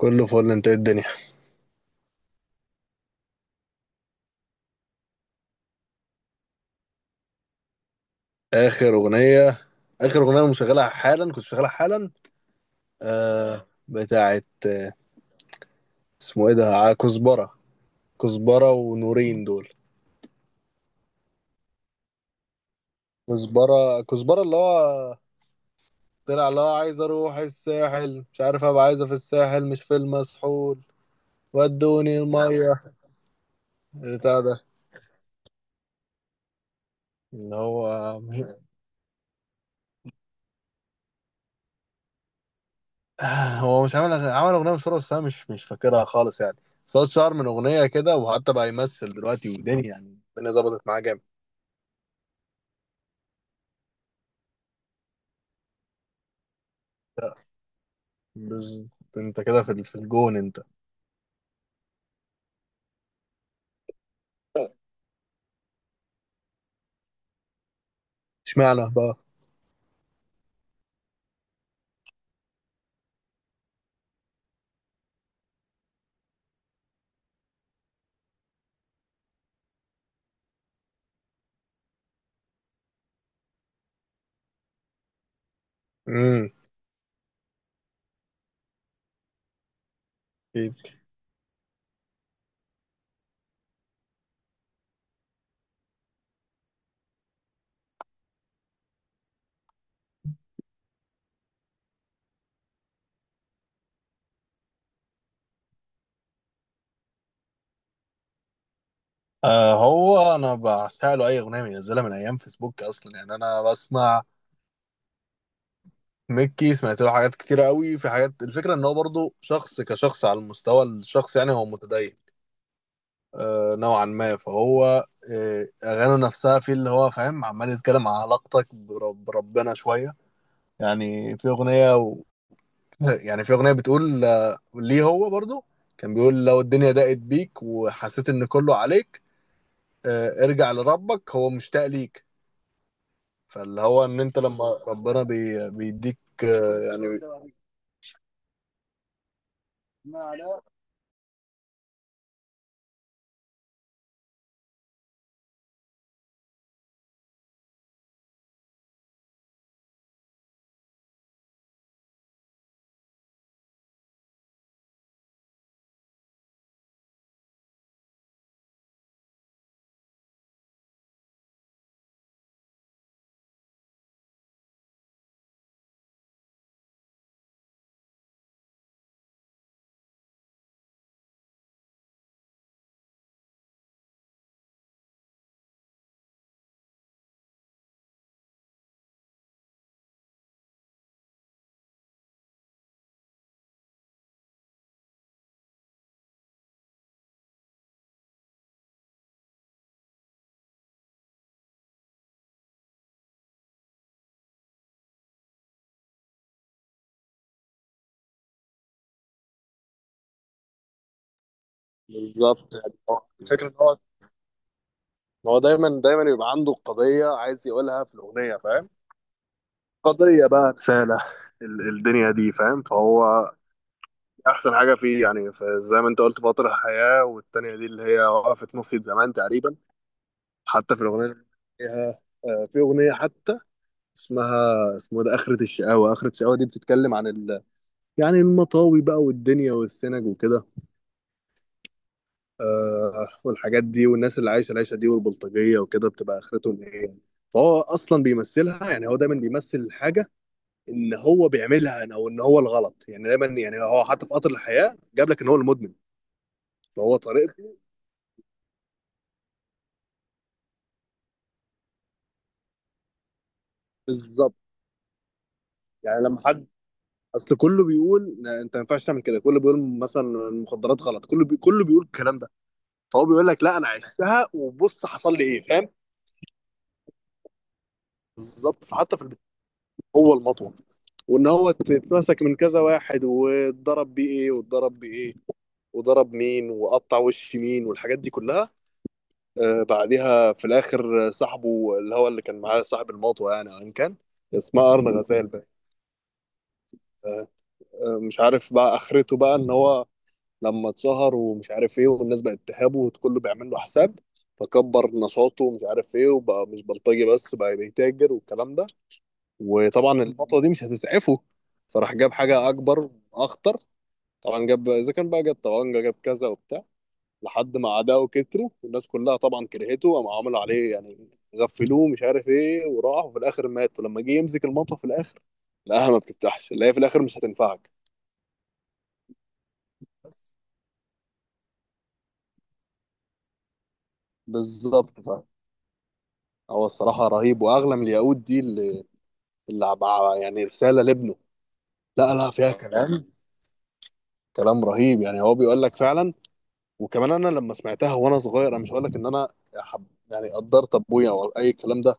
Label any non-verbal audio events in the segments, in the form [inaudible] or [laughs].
كله فل. انت ايه الدنيا؟ اخر اغنيه، انا مشغلها حالا، كنت شغالها حالا. بتاعت اسمه ايه ده؟ كزبره. كزبره ونورين دول. كزبره كزبره اللي هو طلع، اللي هو عايز اروح الساحل، مش عارف، ابقى عايزه في الساحل مش في المسحول، ودوني الميه بتاع ده، اللي هو [laughs] هو مش عامل عمل اغنيه مشهوره، بس انا مش فاكرها خالص يعني. صوت شعر من اغنيه كده، وحتى بقى يمثل دلوقتي ودنيا، يعني الدنيا ظبطت معاه جامد. بز... انت كده في في الجون انت. اشمعنى بقى؟ امم. اكيد. آه، هو انا بعشق له اي اغنيه بينزلها من ايام فيسبوك اصلا، يعني انا بسمع ميكي، سمعت له حاجات كتير قوي، في حاجات الفكره ان هو برضه شخص كشخص على المستوى الشخص، يعني هو متدين نوعا ما، فهو اغانيه نفسها في اللي هو فاهم، عمال يتكلم عن علاقتك بربنا شويه. يعني في اغنيه، بتقول ليه هو برضو كان بيقول: لو الدنيا ضاقت بيك وحسيت ان كله عليك، ارجع لربك هو مشتاق ليك. فاللي هو ان انت لما ربنا بيديك، يعني. بالظبط، يعني هو الفكره ان هو إن هو دايما دايما يبقى عنده قضيه عايز يقولها في الاغنيه، فاهم. قضيه بقى، رساله الدنيا دي، فاهم. فهو احسن حاجه فيه، يعني زي ما انت قلت فاطر الحياه، والتانيه دي اللي هي وقفت نص زمان تقريبا. حتى في الاغنيه اللي فيها، في اغنيه حتى اسمها اسمه ده اخره الشقاوه. اخره الشقاوه دي بتتكلم عن يعني المطاوي بقى والدنيا والسنج وكده، والحاجات دي، والناس اللي عايشه العيشه دي والبلطجيه وكده، بتبقى اخرتهم ايه يعني. فهو اصلا بيمثلها، يعني هو دايما بيمثل حاجه ان هو بيعملها، او ان هو الغلط يعني. دايما يعني هو، حتى في قطر الحياه، جاب لك ان هو المدمن. فهو طريقته. بالظبط، يعني لما حد، اصل كله بيقول: لا، انت ما ينفعش تعمل كده. كله بيقول مثلا المخدرات غلط، كله بيقول الكلام ده. فهو بيقول لك: لا، انا عشتها وبص حصل لي ايه، فاهم. بالظبط، فحتى في البيت هو المطوه، وان هو اتمسك من كذا واحد واتضرب بيه ايه واتضرب بايه، وضرب مين وقطع وش مين والحاجات دي كلها. آه. بعدها في الاخر، صاحبه اللي هو اللي كان معاه صاحب المطوه، يعني ان كان اسمها ارن غزال بقى. آه. مش عارف بقى اخرته، بقى ان هو لما اتشهر ومش عارف ايه، والناس بقت تهابه وكله بيعمل له حساب، فكبر نشاطه ومش عارف ايه، وبقى مش بلطجي بس، بقى بيتاجر والكلام ده. وطبعا النقطة دي مش هتسعفه، فراح جاب حاجة أكبر وأخطر. طبعا جاب، إذا كان بقى جاب طبنجة جاب كذا وبتاع، لحد ما أعدائه كتروا والناس كلها طبعا كرهته، قاموا عملوا عليه يعني، غفلوه مش عارف ايه، وراح وفي الآخر مات. ولما جه يمسك المطوة في الآخر لقاها ما بتفتحش، اللي هي في الآخر مش هتنفعك. بالظبط. هو الصراحة رهيب. وأغلى من الياقوت دي يعني رسالة لابنه. لا لا، فيها كلام. كلام رهيب، يعني هو بيقول لك فعلا. وكمان أنا لما سمعتها وأنا صغير، أنا مش هقول لك إن أنا حب يعني قدرت أبويا أو أي الكلام ده.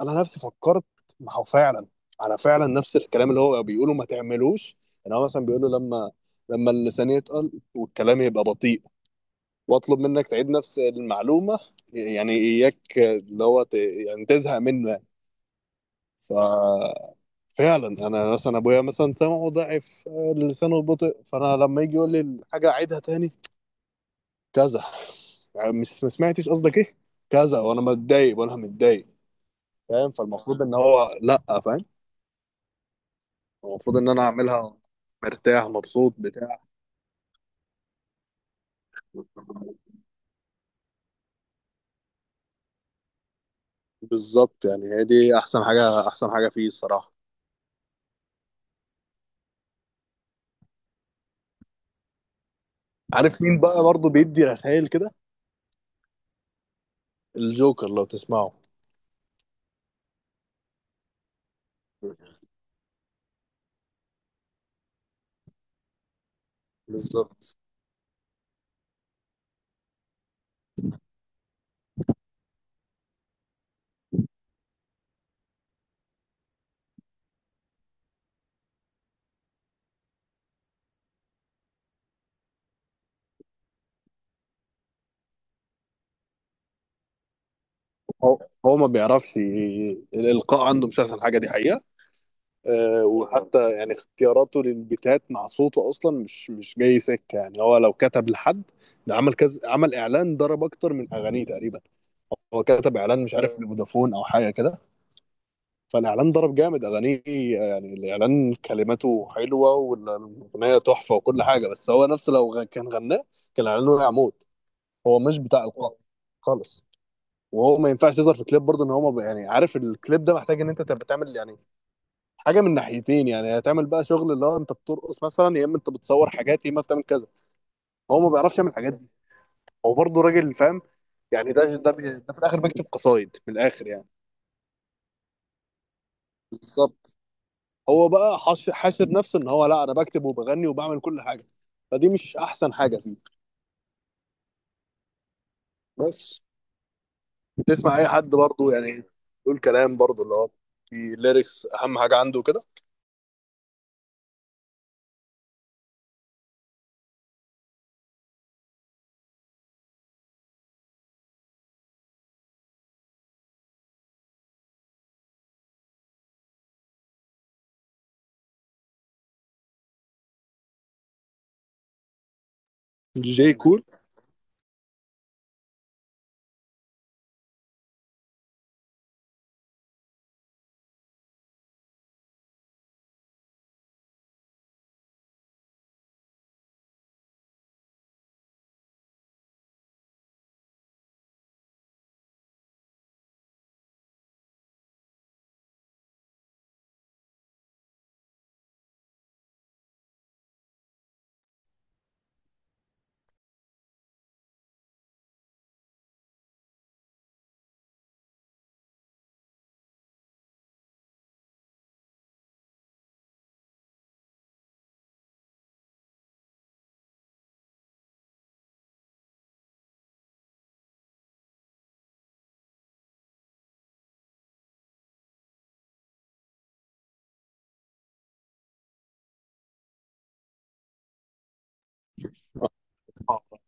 أنا نفسي فكرت، ما هو فعلا أنا فعلا نفس الكلام اللي هو بيقوله ما تعملوش. يعني هو مثلا بيقوله: لما اللسان يتقل والكلام يبقى بطيء، وأطلب منك تعيد نفس المعلومة، يعني إياك اللي هو يعني تزهق منه يعني. ف فعلا انا مثلا ابويا مثلا سمعه ضعف، لسانه بطء، فانا لما يجي يقول لي الحاجه اعيدها تاني كذا، يعني مش ما سمعتش قصدك ايه كذا، وانا متضايق وانا متضايق، فاهم. فالمفروض ان هو لا، فاهم. المفروض ان انا اعملها مرتاح مبسوط بتاع. بالظبط، يعني هي دي احسن حاجه، احسن حاجه فيه الصراحه. عارف مين بقى برضه بيدي رسائل كده؟ الجوكر، لو تسمعه. بالظبط، هو هو ما بيعرفش الالقاء عنده مش احسن حاجه دي حقيقه. وحتى يعني اختياراته للبيتات مع صوته اصلا مش جاي سكه، يعني هو لو كتب لحد. ده عمل كذا، عمل اعلان ضرب اكتر من اغانيه تقريبا. هو كتب اعلان مش عارف لفودافون او حاجه كده، فالاعلان ضرب جامد اغانيه. يعني الاعلان كلماته حلوه والاغنيه تحفه وكل حاجه، بس هو نفسه لو كان غناه كان الاعلان وقع موت. هو مش بتاع القاء خالص. وهو ما ينفعش يظهر في كليب برضه، ان هو ما ب- يعني عارف الكليب ده محتاج ان انت تبقى تعمل يعني حاجه من ناحيتين، يعني هتعمل بقى شغل اللي هو انت بترقص مثلا، يا اما انت بتصور حاجات، يا اما بتعمل كذا. هو ما بيعرفش يعمل الحاجات دي. هو برضه راجل فاهم، يعني ده في الاخر بيكتب قصايد من الاخر يعني. بالظبط. هو بقى حاشر نفسه ان هو لا، انا بكتب وبغني وبعمل كل حاجه، فدي مش احسن حاجه فيه. بس تسمع اي حد برضه يعني يقول كلام برضه اللي هو في ليركس اهم حاجه عنده كده. جي كول. آه.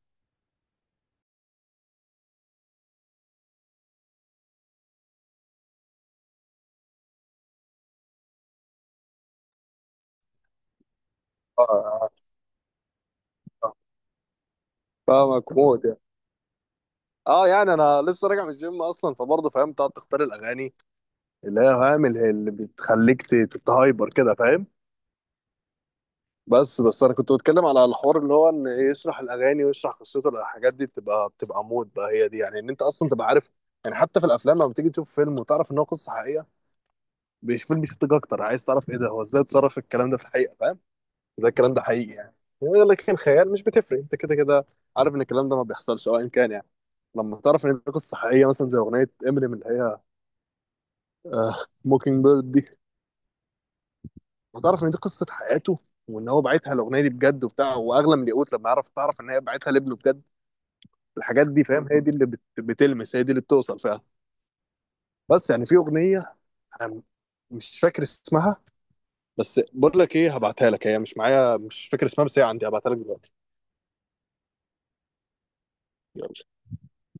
آه. آه. فاهمك موت. اه، يعني انا لسه راجع من الجيم اصلا، فبرضه فاهم تقعد تختار الاغاني اللي هي فاهم، اللي بتخليك تتهايبر كده، فاهم. بس بس انا كنت بتكلم على الحوار اللي هو ان إيه، يشرح الاغاني ويشرح قصته. الحاجات دي بتبقى مود بقى هي دي، يعني ان انت اصلا تبقى عارف. يعني حتى في الافلام لما بتيجي تشوف فيلم وتعرف ان هو قصه حقيقيه، فيلم بيشدك اكتر، عايز تعرف ايه ده، هو ازاي اتصرف الكلام ده في الحقيقه، فاهم؟ ازاي الكلام ده حقيقي يعني. لكن الخيال مش بتفرق، انت كده كده عارف ان الكلام ده ما بيحصلش، او ان كان يعني لما تعرف ان دي قصه حقيقيه، مثلا زي اغنيه امينيم اللي هي، آه موكينج بيرد دي، وتعرف ان دي قصه حياته، وان هو باعتها الاغنيه دي بجد وبتاع، واغلى من الياقوت لما تعرف ان هي باعتها لابنه بجد. الحاجات دي فاهم هي دي اللي بتلمس، هي دي اللي بتوصل فعلا. بس يعني في اغنيه، أنا مش فاكر اسمها، بس بقول لك ايه، هبعتها لك. هي مش معايا، مش فاكر اسمها، بس هي عندي هبعتها لك دلوقتي. يلا.